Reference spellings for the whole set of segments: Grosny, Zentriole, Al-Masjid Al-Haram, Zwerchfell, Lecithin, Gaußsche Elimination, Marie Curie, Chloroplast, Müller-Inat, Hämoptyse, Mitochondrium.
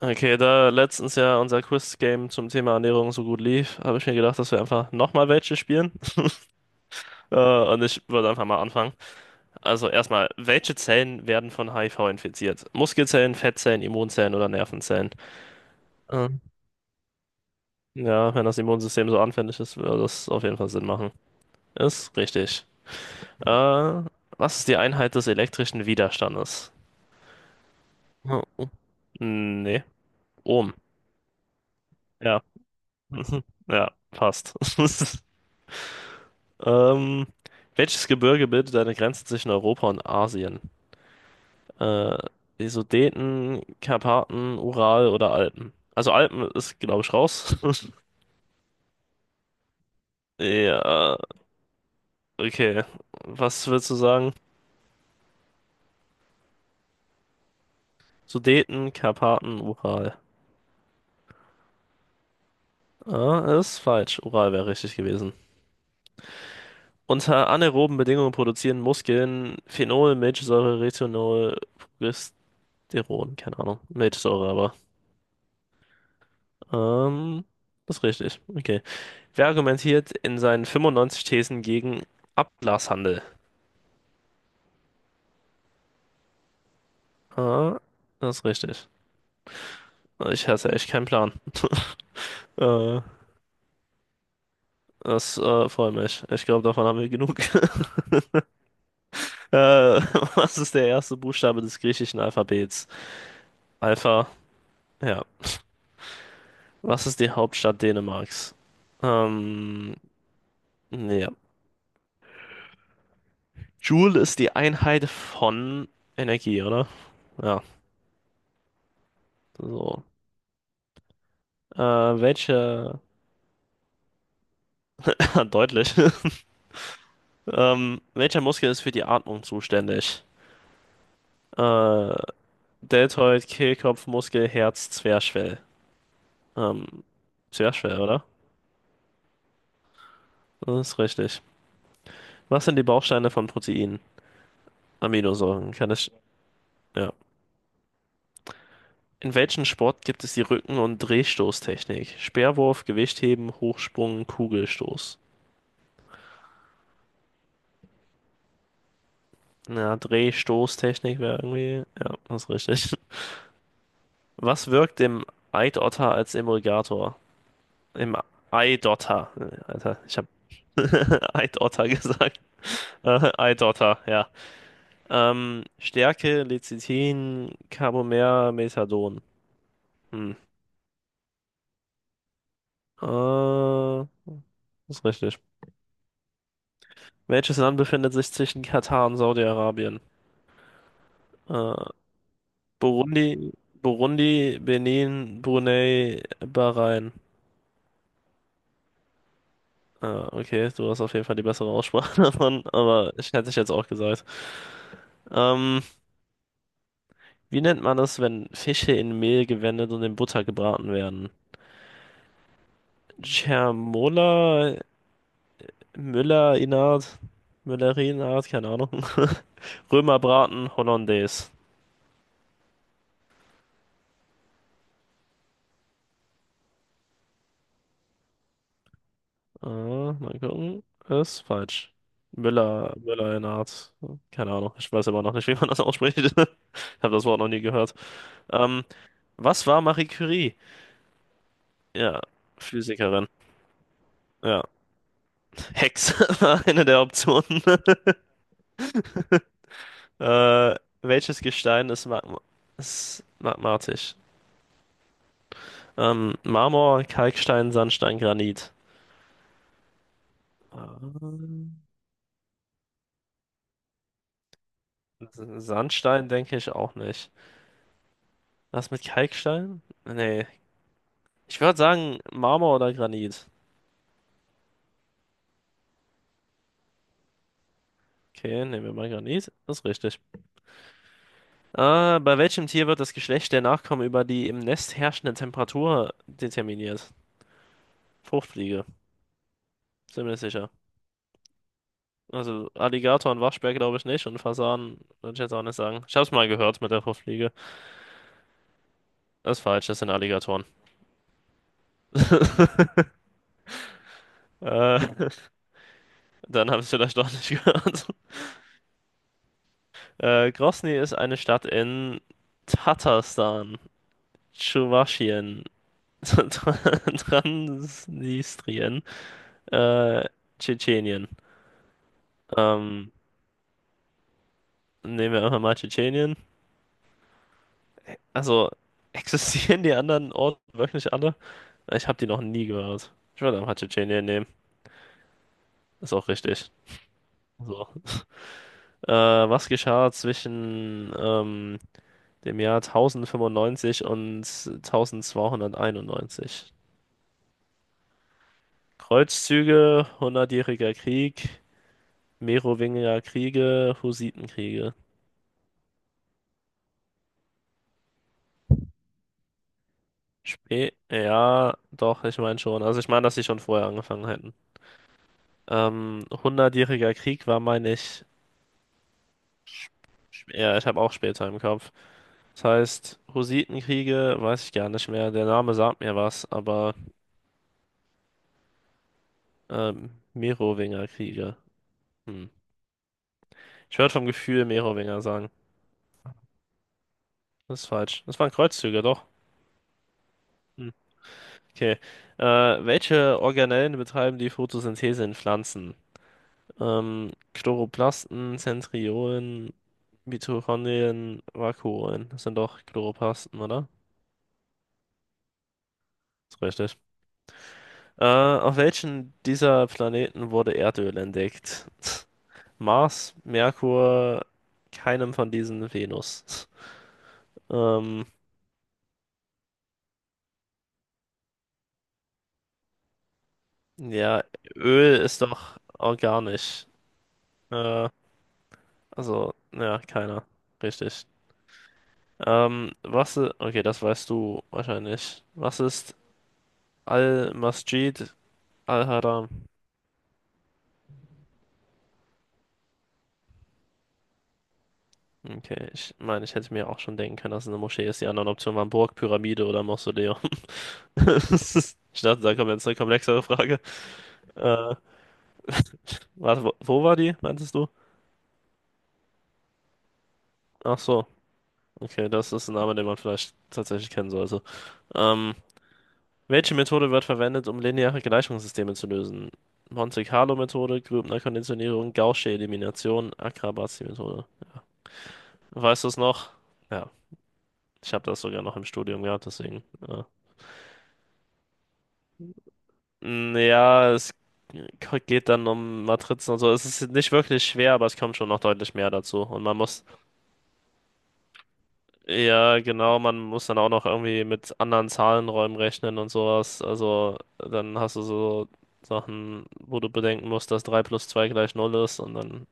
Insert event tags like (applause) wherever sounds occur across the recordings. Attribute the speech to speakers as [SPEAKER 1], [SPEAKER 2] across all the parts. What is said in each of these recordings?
[SPEAKER 1] Okay, da letztens ja unser Quiz-Game zum Thema Ernährung so gut lief, habe ich mir gedacht, dass wir einfach nochmal welche spielen. (laughs) Und ich würde einfach mal anfangen. Also erstmal, welche Zellen werden von HIV infiziert? Muskelzellen, Fettzellen, Immunzellen oder Nervenzellen? Ähm, ja, wenn das Immunsystem so anfällig ist, würde das auf jeden Fall Sinn machen. Ist richtig. Äh, was ist die Einheit des elektrischen Widerstandes? Oh, oh. Nee. Ohm. Ja. (laughs) Ja, passt. (laughs) Ähm, welches Gebirge bildet eine Grenze zwischen Europa und Asien? Äh, die Sudeten, Karpaten, Ural oder Alpen? Also Alpen ist, glaube ich, raus. (laughs) Ja, okay. Was würdest du sagen? Sudeten, Karpaten, Ural. Ah, ist falsch. Ural wäre richtig gewesen. Unter anaeroben Bedingungen produzieren Muskeln Phenol, Milchsäure, Retinol, Progesteron. Keine Ahnung. Milchsäure aber. Ähm, das ist richtig. Okay. Wer argumentiert in seinen 95 Thesen gegen Ablasshandel? Ah, das ist richtig. Ich hasse echt keinen Plan. Äh, das freut mich. Ich glaube, davon haben wir genug. (laughs) Äh, was ist der erste Buchstabe des griechischen Alphabets? Alpha. Ja. Was ist die Hauptstadt Dänemarks? Ähm, ja. Joule ist die Einheit von Energie, oder? Ja, so. Welche? (laughs) Deutlich. (laughs) Welcher Muskel ist für die Atmung zuständig? Äh, Deltoid, Kehlkopfmuskel, Herz, Zwerchfell. Ähm, Zwerchfell, oder? Das ist richtig. Was sind die Bausteine von Proteinen? Aminosäuren, kann ich. Ja. In welchem Sport gibt es die Rücken- und Drehstoßtechnik? Speerwurf, Gewichtheben, Hochsprung, Kugelstoß. Ja, Drehstoßtechnik wäre irgendwie. Ja, das ist richtig. (laughs) Was wirkt dem Eidotter als Emulgator? Im Eidotter. Alter, ich habe (laughs) Eidotter gesagt. Eidotter, ja. Stärke, Lecithin, Carbomer, Methadon. Hm. Äh, ist richtig. Welches Land befindet sich zwischen Katar und Saudi-Arabien? Äh, Burundi, Burundi, Benin, Brunei, Bahrain. Okay, du hast auf jeden Fall die bessere Aussprache (laughs) davon, aber ich hätte ich jetzt auch gesagt. Ähm, Wie nennt man das, wenn Fische in Mehl gewendet und in Butter gebraten werden? Cermola, Müller-Inat, Müller-Inat, keine Ahnung. (laughs) Römerbraten, Hollandaise. Ah, mal gucken. Ist falsch. Müller, Müller-Inat. Keine Ahnung. Ich weiß aber noch nicht, wie man das ausspricht. (laughs) Ich habe das Wort noch nie gehört. Ähm, was war Marie Curie? Ja, Physikerin. Ja. Hex (laughs) war eine der Optionen. Äh, welches Gestein ist, magma ist magmatisch? Marmor, Kalkstein, Sandstein, Granit. Ähm, Sandstein denke ich auch nicht. Was mit Kalkstein? Nee. Ich würde sagen Marmor oder Granit. Okay, nehmen wir mal Granit. Das ist richtig. Bei welchem Tier wird das Geschlecht der Nachkommen über die im Nest herrschende Temperatur determiniert? Fruchtfliege, ziemlich sicher. Also Alligator und Waschbär glaube ich nicht und Fasan würde ich jetzt auch nicht sagen. Ich habe es mal gehört mit der Fruchtfliege. Das ist falsch, das sind Alligatoren. Äh, (laughs) Dann haben Sie es vielleicht doch nicht gehört. (laughs) Grosny ist eine Stadt in Tatarstan, Tschuwaschien, (laughs) Transnistrien, äh, Tschetschenien. Ähm, nehmen wir einfach mal Tschetschenien. Also, (laughs) existieren die anderen Orte wirklich alle? Ich habe die noch nie gehört. Ich würde einfach Tschetschenien nehmen. Ist auch richtig. So. (laughs) Äh, was geschah zwischen dem Jahr 1095 und 1291? Kreuzzüge, Hundertjähriger Krieg, Merowinger Kriege, Hussitenkriege. Spä ja, doch, ich meine schon. Also ich meine, dass sie schon vorher angefangen hätten. Hundertjähriger Krieg war, meine ich, ja, ich habe auch später im Kopf. Das heißt, Hussitenkriege weiß ich gar nicht mehr. Der Name sagt mir was, aber Merowinger Kriege. Hm. Ich würde vom Gefühl Merowinger sagen. Das ist falsch. Das waren Kreuzzüge, doch. Hm. Okay. Äh, welche Organellen betreiben die Photosynthese in Pflanzen? Chloroplasten, Zentriolen, Mitochondrien, Vakuolen. Das sind doch Chloroplasten, oder? Ist richtig. Auf welchen dieser Planeten wurde Erdöl entdeckt? (laughs) Mars, Merkur, keinem von diesen Venus. (laughs) Ähm, ja, Öl ist doch organisch. Äh, Also, ja, keiner. Richtig. Okay, das weißt du wahrscheinlich. Was ist Al-Masjid Al-Haram? Okay, ich meine, ich hätte mir auch schon denken können, dass es eine Moschee ist. Die anderen Optionen waren Burg, Pyramide oder Mausoleum. (laughs) Das ist- Ich dachte, da kommt jetzt eine komplexere Frage. Äh, warte, wo war die, meintest du? Ach so, okay, das ist ein Name, den man vielleicht tatsächlich kennen sollte. Ähm, Welche Methode wird verwendet, um lineare Gleichungssysteme zu lösen? Monte-Carlo-Methode, Grübner-Konditionierung, Gaußsche Elimination, Akrabazi-Methode. Weißt du es noch? Ja, ich habe das sogar noch im Studium gehabt, deswegen. Ja, Mm, ja es geht dann um Matrizen und so. Es ist nicht wirklich schwer, aber es kommt schon noch deutlich mehr dazu. Und man muss, ja, genau, man muss dann auch noch irgendwie mit anderen Zahlenräumen rechnen und sowas. Also, dann hast du so Sachen, wo du bedenken musst, dass 3 plus 2 gleich null ist und dann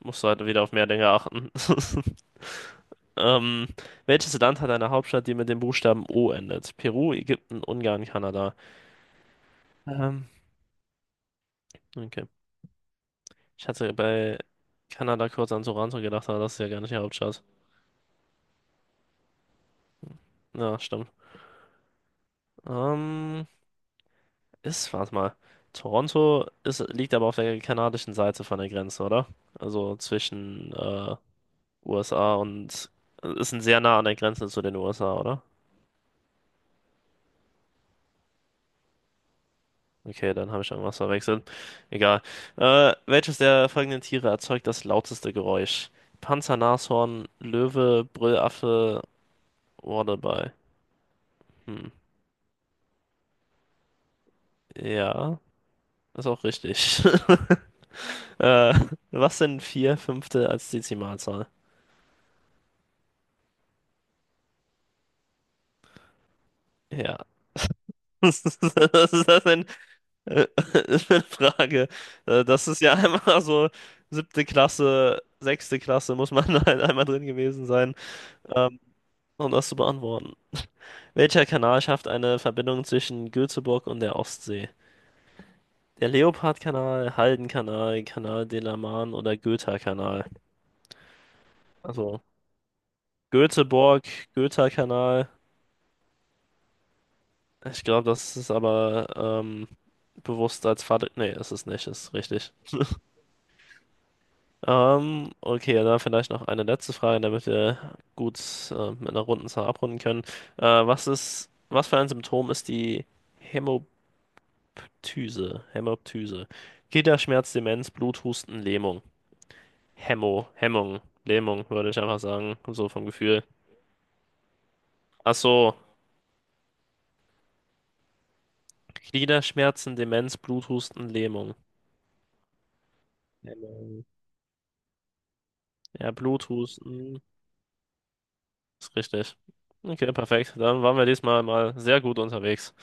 [SPEAKER 1] musst du heute wieder auf mehr Dinge achten. (laughs) Ähm, welches Land hat eine Hauptstadt, die mit dem Buchstaben O endet? Peru, Ägypten, Ungarn, Kanada. Ähm, okay. Ich hatte bei Kanada kurz an Toronto gedacht, aber das ist ja gar nicht die Hauptstadt. Ja, stimmt. Ähm, Warte mal. Toronto ist, liegt aber auf der kanadischen Seite von der Grenze, oder? Also zwischen USA und ist ein sehr nah an der Grenze zu den USA, oder? Okay, dann habe ich irgendwas verwechselt. Egal. Welches der folgenden Tiere erzeugt das lauteste Geräusch? Panzer, Nashorn, Löwe, Brüllaffe, Wardebei. Hm. Ja, ist auch richtig. (laughs) Äh, was sind vier Fünfte als Dezimalzahl? Ja. (laughs) Was ist das denn äh, (laughs) für eine Frage? Das ist ja (laughs) einmal so siebte Klasse, sechste Klasse, muss man (laughs) halt einmal drin gewesen sein, ähm, um das zu beantworten. Welcher Kanal schafft eine Verbindung zwischen Göteborg und der Ostsee? Der Leopardkanal, Haldenkanal, Canal de la Man oder Göta kanal. Also Göteborg, Göta kanal. Ich glaube, das ist aber bewusst als Vater. Nee, ist es nicht, ist richtig. Okay, dann vielleicht noch eine letzte Frage, damit wir gut mit einer runden Zahl abrunden können. Was für ein Symptom ist die Hämoptyse? Hämoptyse. Gliederschmerz, Demenz, Bluthusten, Lähmung. Hemmo, Hemmung, Lähmung, würde ich einfach sagen, so vom Gefühl. Ach so, Gliederschmerzen, Demenz, Bluthusten, Lähmung. Lähmung. Ja, Bluthusten, ist richtig. Okay, perfekt. Dann waren wir diesmal mal sehr gut unterwegs.